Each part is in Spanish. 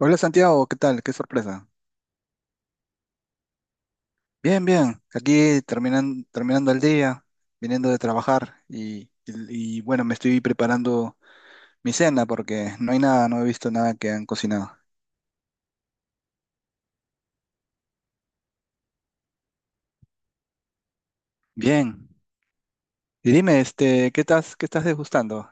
Hola Santiago, ¿qué tal? Qué sorpresa. Bien, bien. Aquí terminando el día, viniendo de trabajar y, bueno, me estoy preparando mi cena porque no hay nada, no he visto nada que han cocinado. Bien. Y dime, este, ¿ qué estás degustando?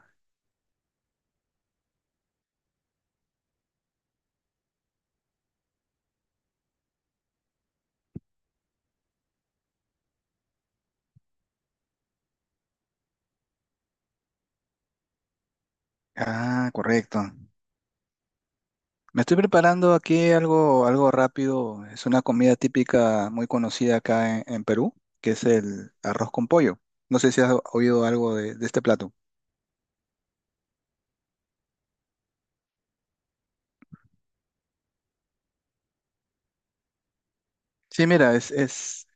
Ah, correcto. Me estoy preparando aquí algo rápido. Es una comida típica muy conocida acá en Perú, que es el arroz con pollo. No sé si has oído algo de este plato. Sí, mira,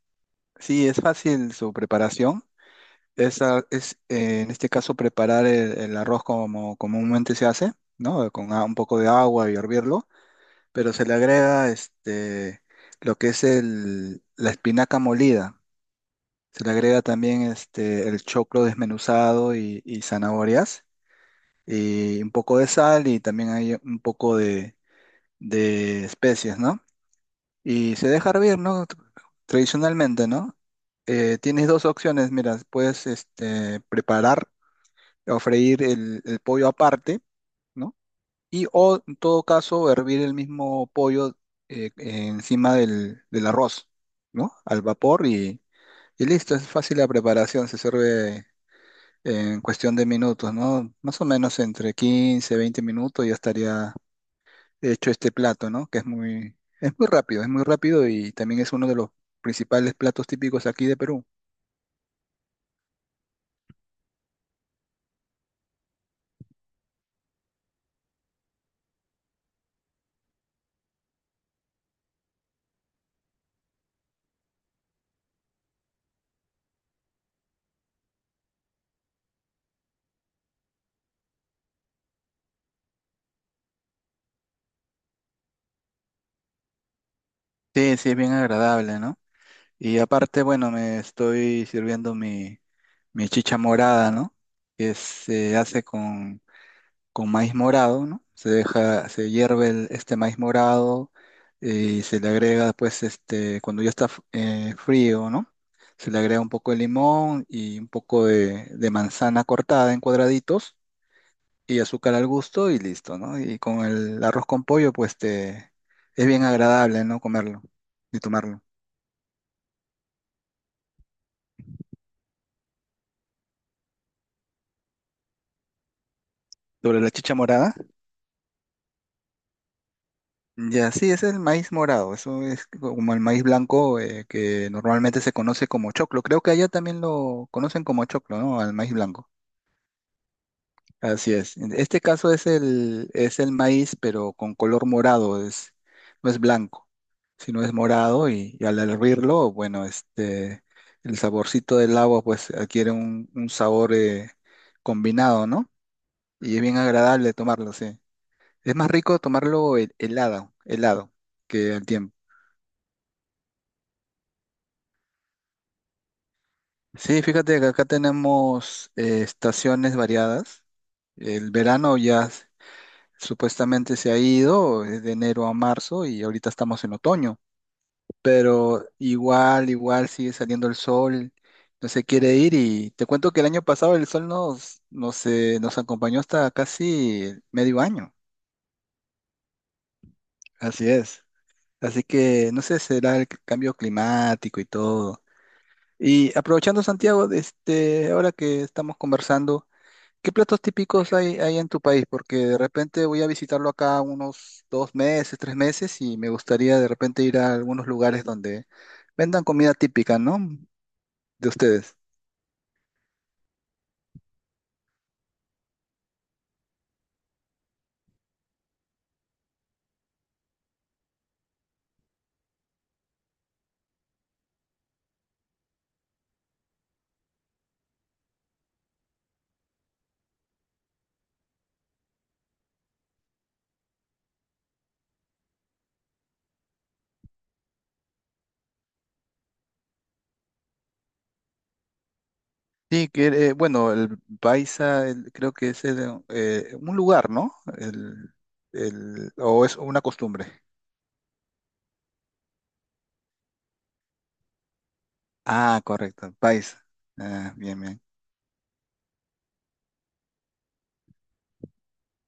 sí, es fácil su preparación. En este caso preparar el arroz como comúnmente se hace, ¿no? Con un poco de agua y hervirlo, pero se le agrega este, lo que es la espinaca molida. Se le agrega también este, el choclo desmenuzado y zanahorias y un poco de sal y también hay un poco de especias, ¿no? Y se deja hervir, ¿no? Tradicionalmente, ¿no? Tienes dos opciones, mira, puedes este, preparar o freír el pollo aparte, ¿no? Y o en todo caso hervir el mismo pollo encima del arroz, ¿no? Al vapor y listo, es fácil la preparación, se sirve en cuestión de minutos, ¿no? Más o menos entre 15 20 minutos ya estaría hecho este plato, ¿no? Que es muy rápido y también es uno de los principales platos típicos aquí de Perú. Sí, sí, es bien agradable, ¿no? Y aparte, bueno, me estoy sirviendo mi, mi chicha morada, ¿no? Que se hace con maíz morado, ¿no? Se deja, se hierve este maíz morado eh, y se le agrega, pues, este, cuando ya está frío, ¿no? Se le agrega un poco de limón y un poco de manzana cortada en cuadraditos y azúcar al gusto y listo, ¿no? Y con el arroz con pollo, pues te es bien agradable, ¿no? Comerlo y tomarlo. Sobre la chicha morada, ya sí, ese es el maíz morado, eso es como el maíz blanco que normalmente se conoce como choclo. Creo que allá también lo conocen como choclo, ¿no? Al maíz blanco. Así es. En este caso es es el maíz, pero con color morado, es, no es blanco. Si no es morado y al hervirlo, bueno, este, el saborcito del agua pues adquiere un sabor combinado, ¿no? Y es bien agradable tomarlo, sí. Es más rico tomarlo helado, helado, que al tiempo. Sí, fíjate que acá tenemos estaciones variadas. El verano ya supuestamente se ha ido, es de enero a marzo y ahorita estamos en otoño. Pero igual, igual sigue saliendo el sol, no se quiere ir y te cuento que el año pasado el sol nos acompañó hasta casi medio año, así es. Así que no sé, será el cambio climático y todo. Y aprovechando Santiago, de este, ahora que estamos conversando, ¿qué platos típicos hay en tu país? Porque de repente voy a visitarlo acá unos dos meses, tres meses y me gustaría de repente ir a algunos lugares donde vendan comida típica, ¿no? De ustedes. Sí, que bueno, el Baiza creo que es un lugar, ¿no? El, o es una costumbre. Ah, correcto, Baiza. Ah, bien, bien.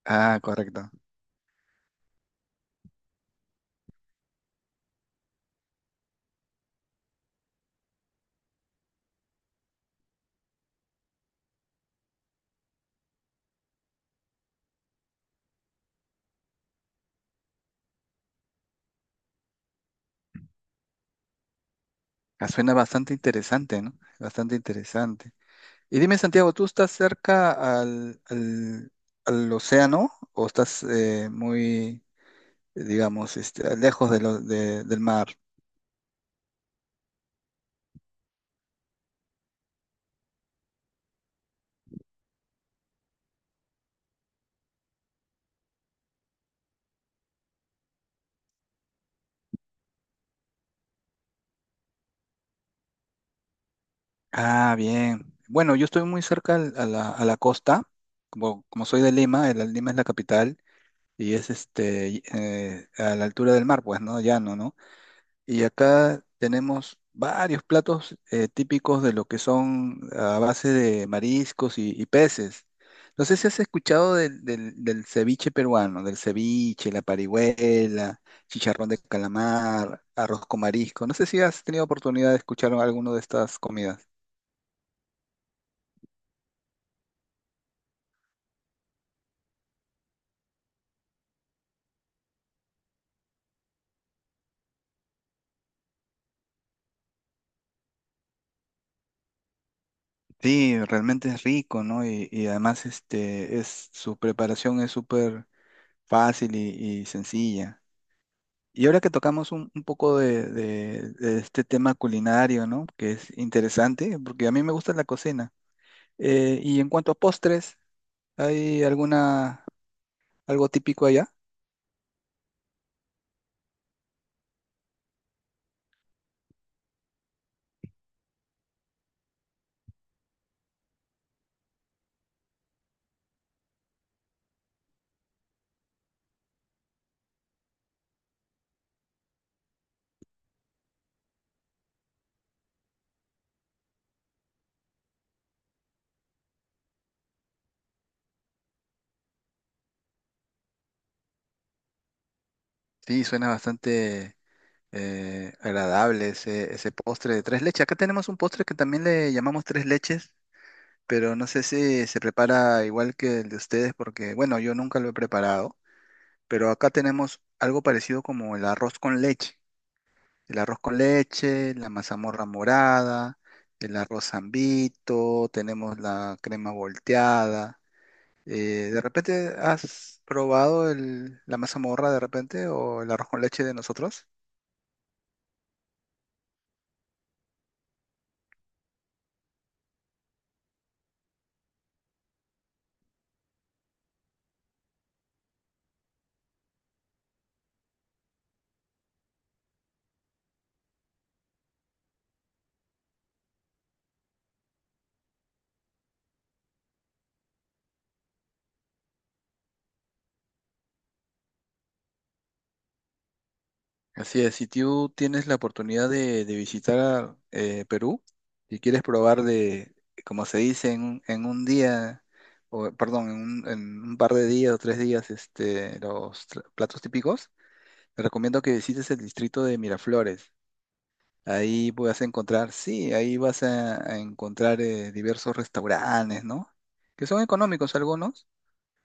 Ah, correcto. Ah, suena bastante interesante, ¿no? Bastante interesante. Y dime, Santiago, ¿tú estás cerca al, al, al océano o estás muy, digamos, este, lejos de del mar? Ah, bien. Bueno, yo estoy muy cerca a la costa, como, como soy de Lima, la Lima es la capital y es a la altura del mar, pues, ¿no? Llano, ¿no? Y acá tenemos varios platos típicos de lo que son a base de mariscos y peces. No sé si has escuchado del ceviche peruano, del ceviche, la parihuela, chicharrón de calamar, arroz con marisco. No sé si has tenido oportunidad de escuchar alguno de estas comidas. Sí, realmente es rico, ¿no? Y además este es su preparación es súper fácil y sencilla. Y ahora que tocamos un poco de este tema culinario, ¿no? Que es interesante, porque a mí me gusta la cocina. Y en cuanto a postres, ¿hay alguna algo típico allá? Sí, suena bastante agradable ese postre de tres leches. Acá tenemos un postre que también le llamamos tres leches, pero no sé si se prepara igual que el de ustedes, porque bueno, yo nunca lo he preparado, pero acá tenemos algo parecido como el arroz con leche. El arroz con leche, la mazamorra morada, el arroz zambito, tenemos la crema volteada. ¿De repente has probado la mazamorra de repente o el arroz con leche de nosotros? Así es, si tú tienes la oportunidad de visitar Perú y quieres probar de, como se dice, un en un día, o perdón, en un par de días o tres días, este, los platos típicos, te recomiendo que visites el distrito de Miraflores. Ahí vas a encontrar, sí, ahí vas a encontrar diversos restaurantes, ¿no? Que son económicos algunos.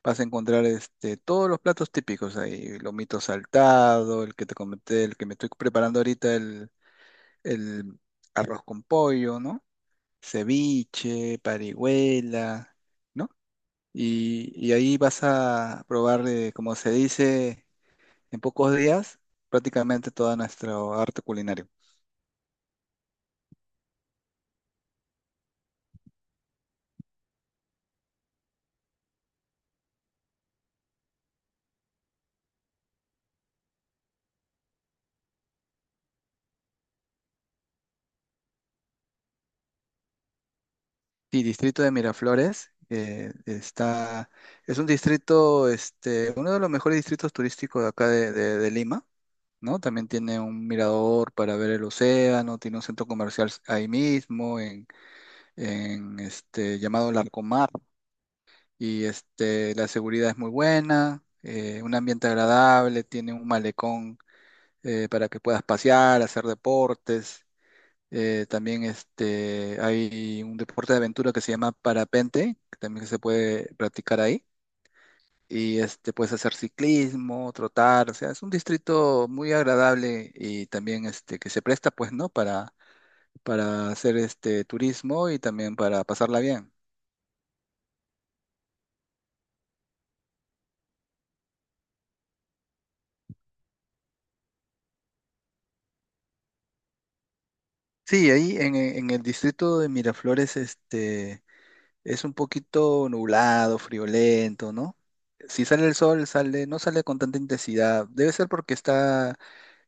Vas a encontrar este, todos los platos típicos ahí, lomito saltado, el que te comenté, el que me estoy preparando ahorita, el arroz con pollo, ¿no? Ceviche, parihuela, ¿no? Y ahí vas a probar, como se dice, en pocos días, prácticamente toda nuestra arte culinario. Sí, distrito de Miraflores, está, es un distrito, este, uno de los mejores distritos turísticos de acá de Lima, ¿no? También tiene un mirador para ver el océano, tiene un centro comercial ahí mismo, este, llamado Larcomar, y este, la seguridad es muy buena, un ambiente agradable, tiene un malecón para que puedas pasear, hacer deportes. Eh, también este, hay un deporte de aventura que se llama parapente, que también se puede practicar ahí y este, puedes hacer ciclismo, trotar, o sea, es un distrito muy agradable y también este, que se presta, pues, ¿no? Para hacer este turismo y también para pasarla bien. Sí, ahí en el distrito de Miraflores, este, es un poquito nublado, friolento, ¿no? Si sale el sol, sale, no sale con tanta intensidad. Debe ser porque está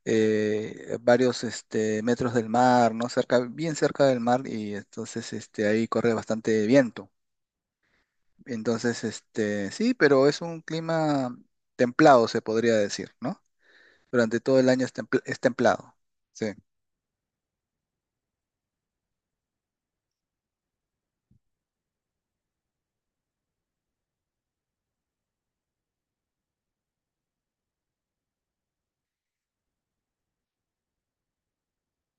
varios este, metros del mar, ¿no? Cerca, bien cerca del mar y entonces este, ahí corre bastante viento. Entonces, este, sí, pero es un clima templado, se podría decir, ¿no? Durante todo el año es, es templado. Sí,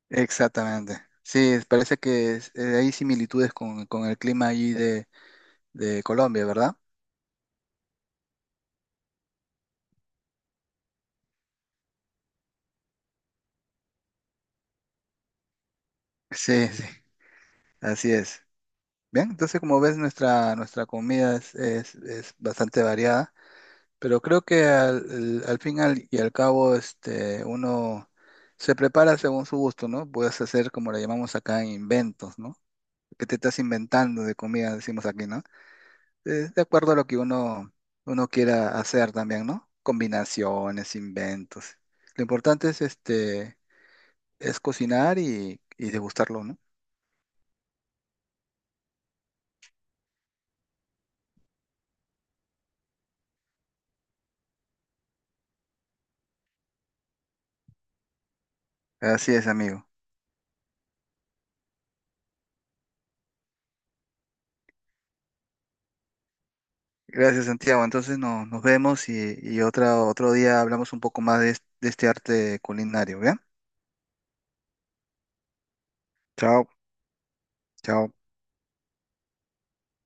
exactamente. Sí, parece que hay similitudes con el clima allí de Colombia, ¿verdad? Sí, sí, así es. Bien, entonces como ves, nuestra, nuestra comida es bastante variada, pero creo que al fin y al cabo, este, uno se prepara según su gusto, ¿no? Puedes hacer como le llamamos acá inventos, ¿no? Que te estás inventando de comida, decimos aquí, ¿no? Es de acuerdo a lo que uno, uno quiera hacer también, ¿no? Combinaciones, inventos. Lo importante es este, es cocinar y degustarlo, ¿no? Así es, amigo. Gracias, Santiago. Entonces nos vemos y otra, otro día hablamos un poco más de, de este arte culinario, ¿bien? Chao, chao.